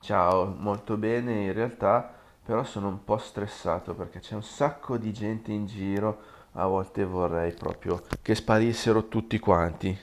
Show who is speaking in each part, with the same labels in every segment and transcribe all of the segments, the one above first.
Speaker 1: Ciao, molto bene in realtà, però sono un po' stressato perché c'è un sacco di gente in giro, a volte vorrei proprio che sparissero tutti quanti.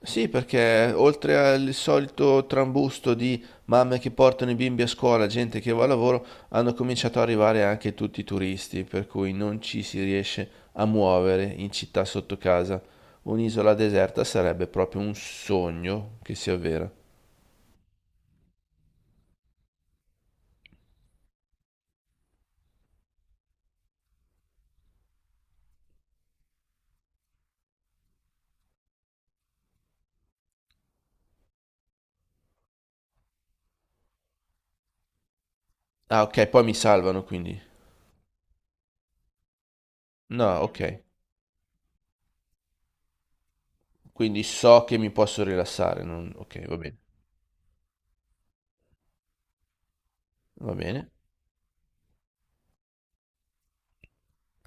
Speaker 1: Sì, perché oltre al solito trambusto di mamme che portano i bimbi a scuola, gente che va al lavoro, hanno cominciato ad arrivare anche tutti i turisti, per cui non ci si riesce a muovere in città sotto casa. Un'isola deserta sarebbe proprio un sogno che si avvera. Ah, ok, poi mi salvano quindi. No, ok. Quindi so che mi posso rilassare. Ok, va bene. Va bene.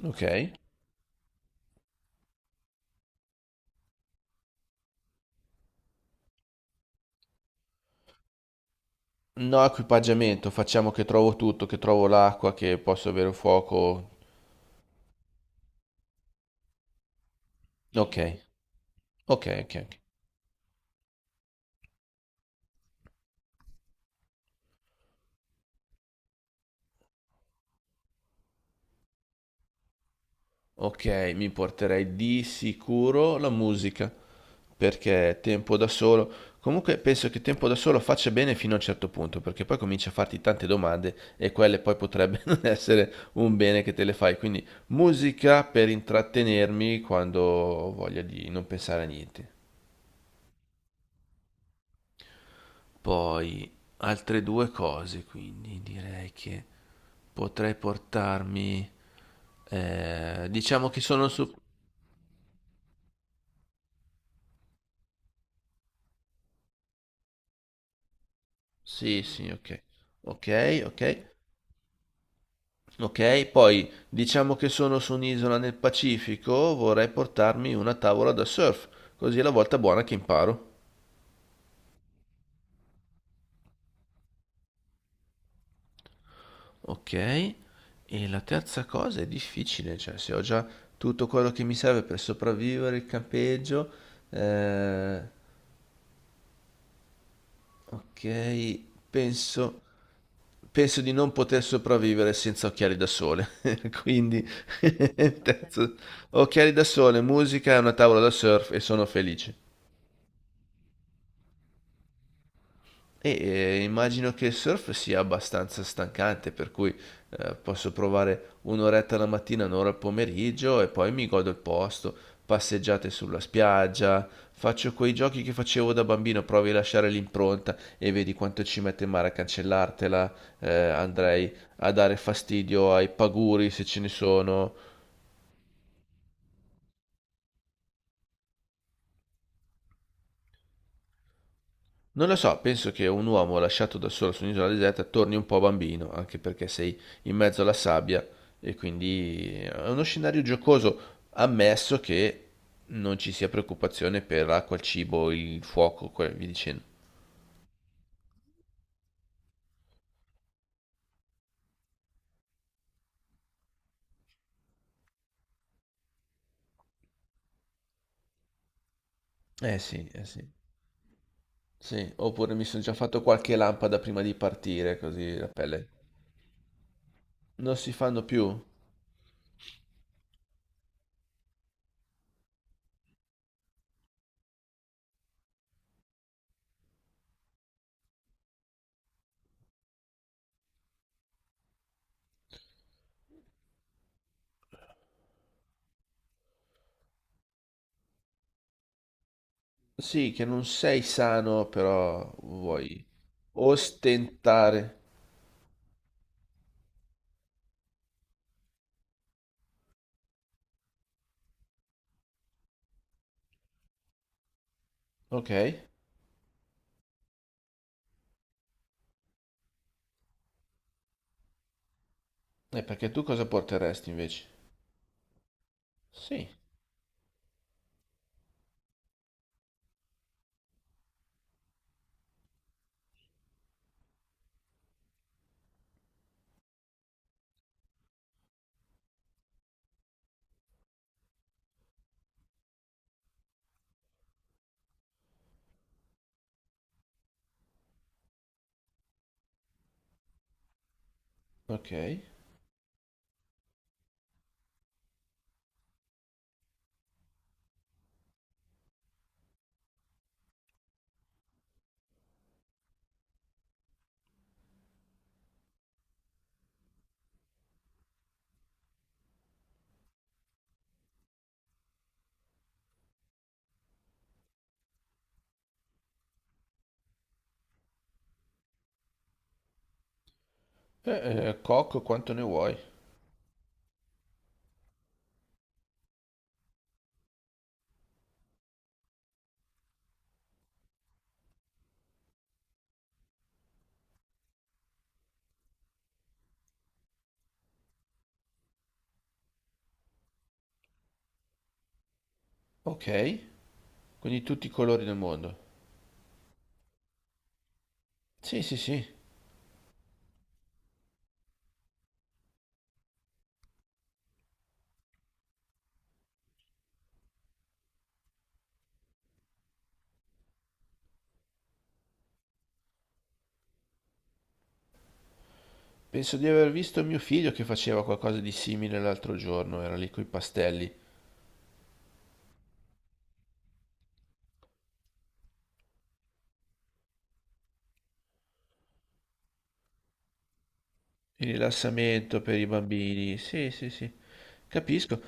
Speaker 1: Ok. No equipaggiamento, facciamo che trovo tutto, che trovo l'acqua, che posso avere un fuoco. Ok, ok, ok. Ok. Ok, mi porterei di sicuro la musica, perché tempo da solo. Comunque penso che tempo da solo faccia bene fino a un certo punto, perché poi comincia a farti tante domande e quelle poi potrebbe non essere un bene che te le fai. Quindi musica per intrattenermi quando ho voglia di non pensare a niente. Poi altre due cose, quindi direi che potrei portarmi... diciamo che sono su... Sì, sì, ok. Ok, ok. Ok, poi diciamo che sono su un'isola nel Pacifico, vorrei portarmi una tavola da surf, così è la volta buona che imparo. Ok, e la terza cosa è difficile, cioè se ho già tutto quello che mi serve per sopravvivere il campeggio, eh, ok, penso penso di non poter sopravvivere senza occhiali da sole. Quindi, terzo, occhiali da sole, musica e una tavola da surf e sono felice. E immagino che il surf sia abbastanza stancante, per cui posso provare un'oretta la mattina, un'ora al pomeriggio e poi mi godo il posto, passeggiate sulla spiaggia, faccio quei giochi che facevo da bambino, provi a lasciare l'impronta e vedi quanto ci mette in mare a cancellartela, andrei a dare fastidio ai paguri se ce ne sono. Non lo so, penso che un uomo lasciato da solo su un'isola deserta torni un po' bambino, anche perché sei in mezzo alla sabbia e quindi è uno scenario giocoso, ammesso che non ci sia preoccupazione per l'acqua, il cibo, il fuoco, via dicendo. Eh sì, eh sì. Sì, oppure mi sono già fatto qualche lampada prima di partire, così la pelle. Non si fanno più? Sì, che non sei sano, però vuoi ostentare. Ok, e perché tu cosa porteresti invece? Sì, ok. Cocco quanto ne vuoi. Ok, quindi tutti i colori del mondo. Sì, sì, sì. Penso di aver visto mio figlio che faceva qualcosa di simile l'altro giorno, era lì coi pastelli. Il rilassamento per i bambini. Sì, sì, sì. Capisco.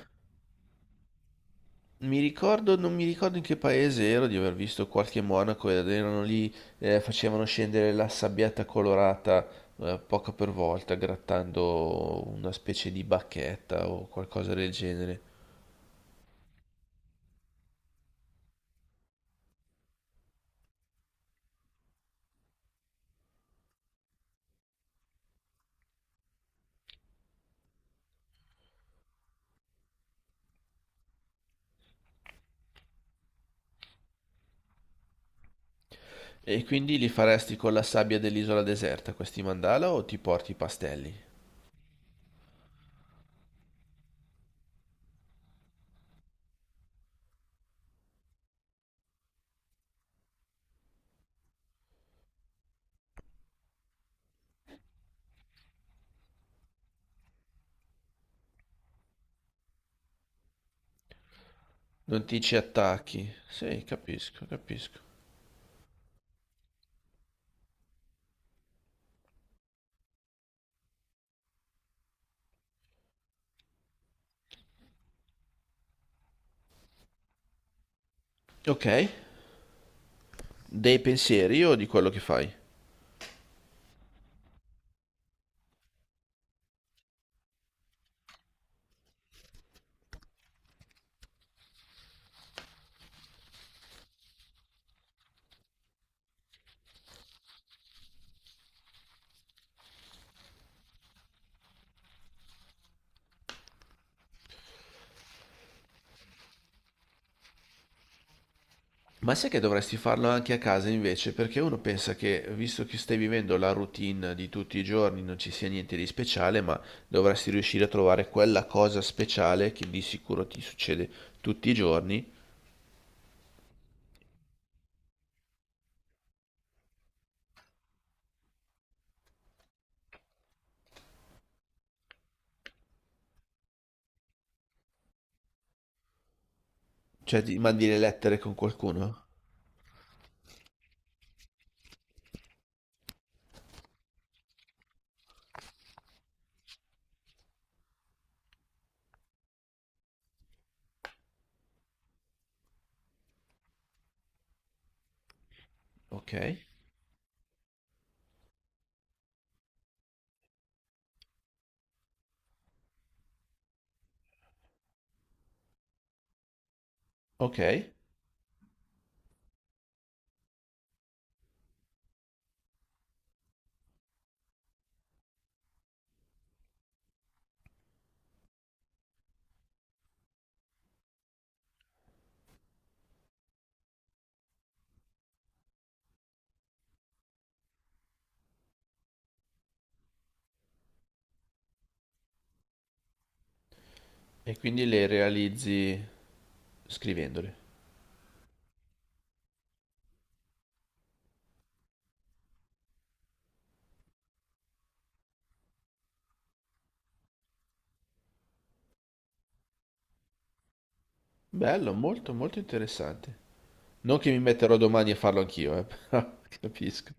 Speaker 1: Mi ricordo, non mi ricordo in che paese ero di aver visto qualche monaco ed erano lì, facevano scendere la sabbietta colorata, poco per volta, grattando una specie di bacchetta o qualcosa del genere. E quindi li faresti con la sabbia dell'isola deserta questi mandala o ti porti i pastelli? Non ti ci attacchi? Sì, capisco, capisco. Ok, dei pensieri o di quello che fai? Ma sai che dovresti farlo anche a casa invece, perché uno pensa che, visto che stai vivendo la routine di tutti i giorni, non ci sia niente di speciale, ma dovresti riuscire a trovare quella cosa speciale che di sicuro ti succede tutti i giorni. Cioè, ti mandi le lettere con qualcuno? Ok, ok. E quindi le realizzi scrivendole. Bello, molto, molto interessante. Non che mi metterò domani a farlo anch'io, però capisco.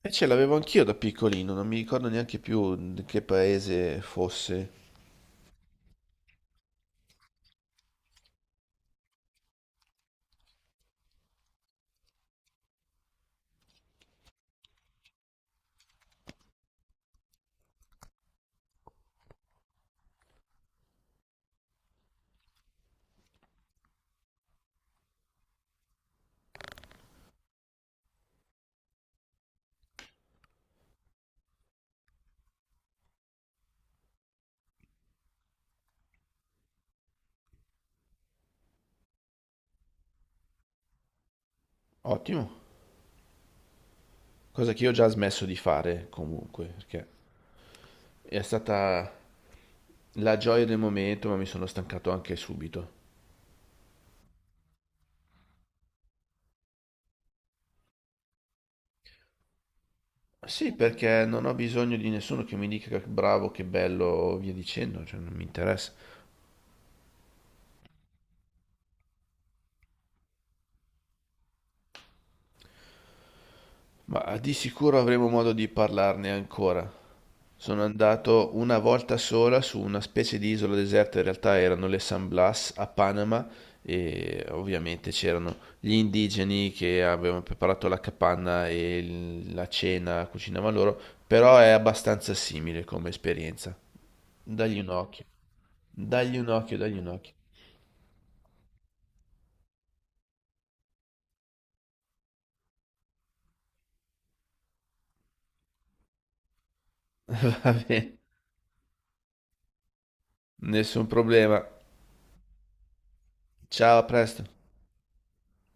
Speaker 1: E ce l'avevo anch'io da piccolino, non mi ricordo neanche più di che paese fosse. Ottimo, cosa che io ho già smesso di fare comunque, perché è stata la gioia del momento, ma mi sono stancato anche subito. Sì, perché non ho bisogno di nessuno che mi dica che bravo, che bello, via dicendo, cioè non mi interessa. Ma di sicuro avremo modo di parlarne ancora. Sono andato una volta sola su una specie di isola deserta, in realtà erano le San Blas a Panama e ovviamente c'erano gli indigeni che avevano preparato la capanna e la cena cucinavano loro, però è abbastanza simile come esperienza. Dagli un occhio, dagli un occhio, dagli un occhio. Va bene, nessun problema. Ciao, a presto.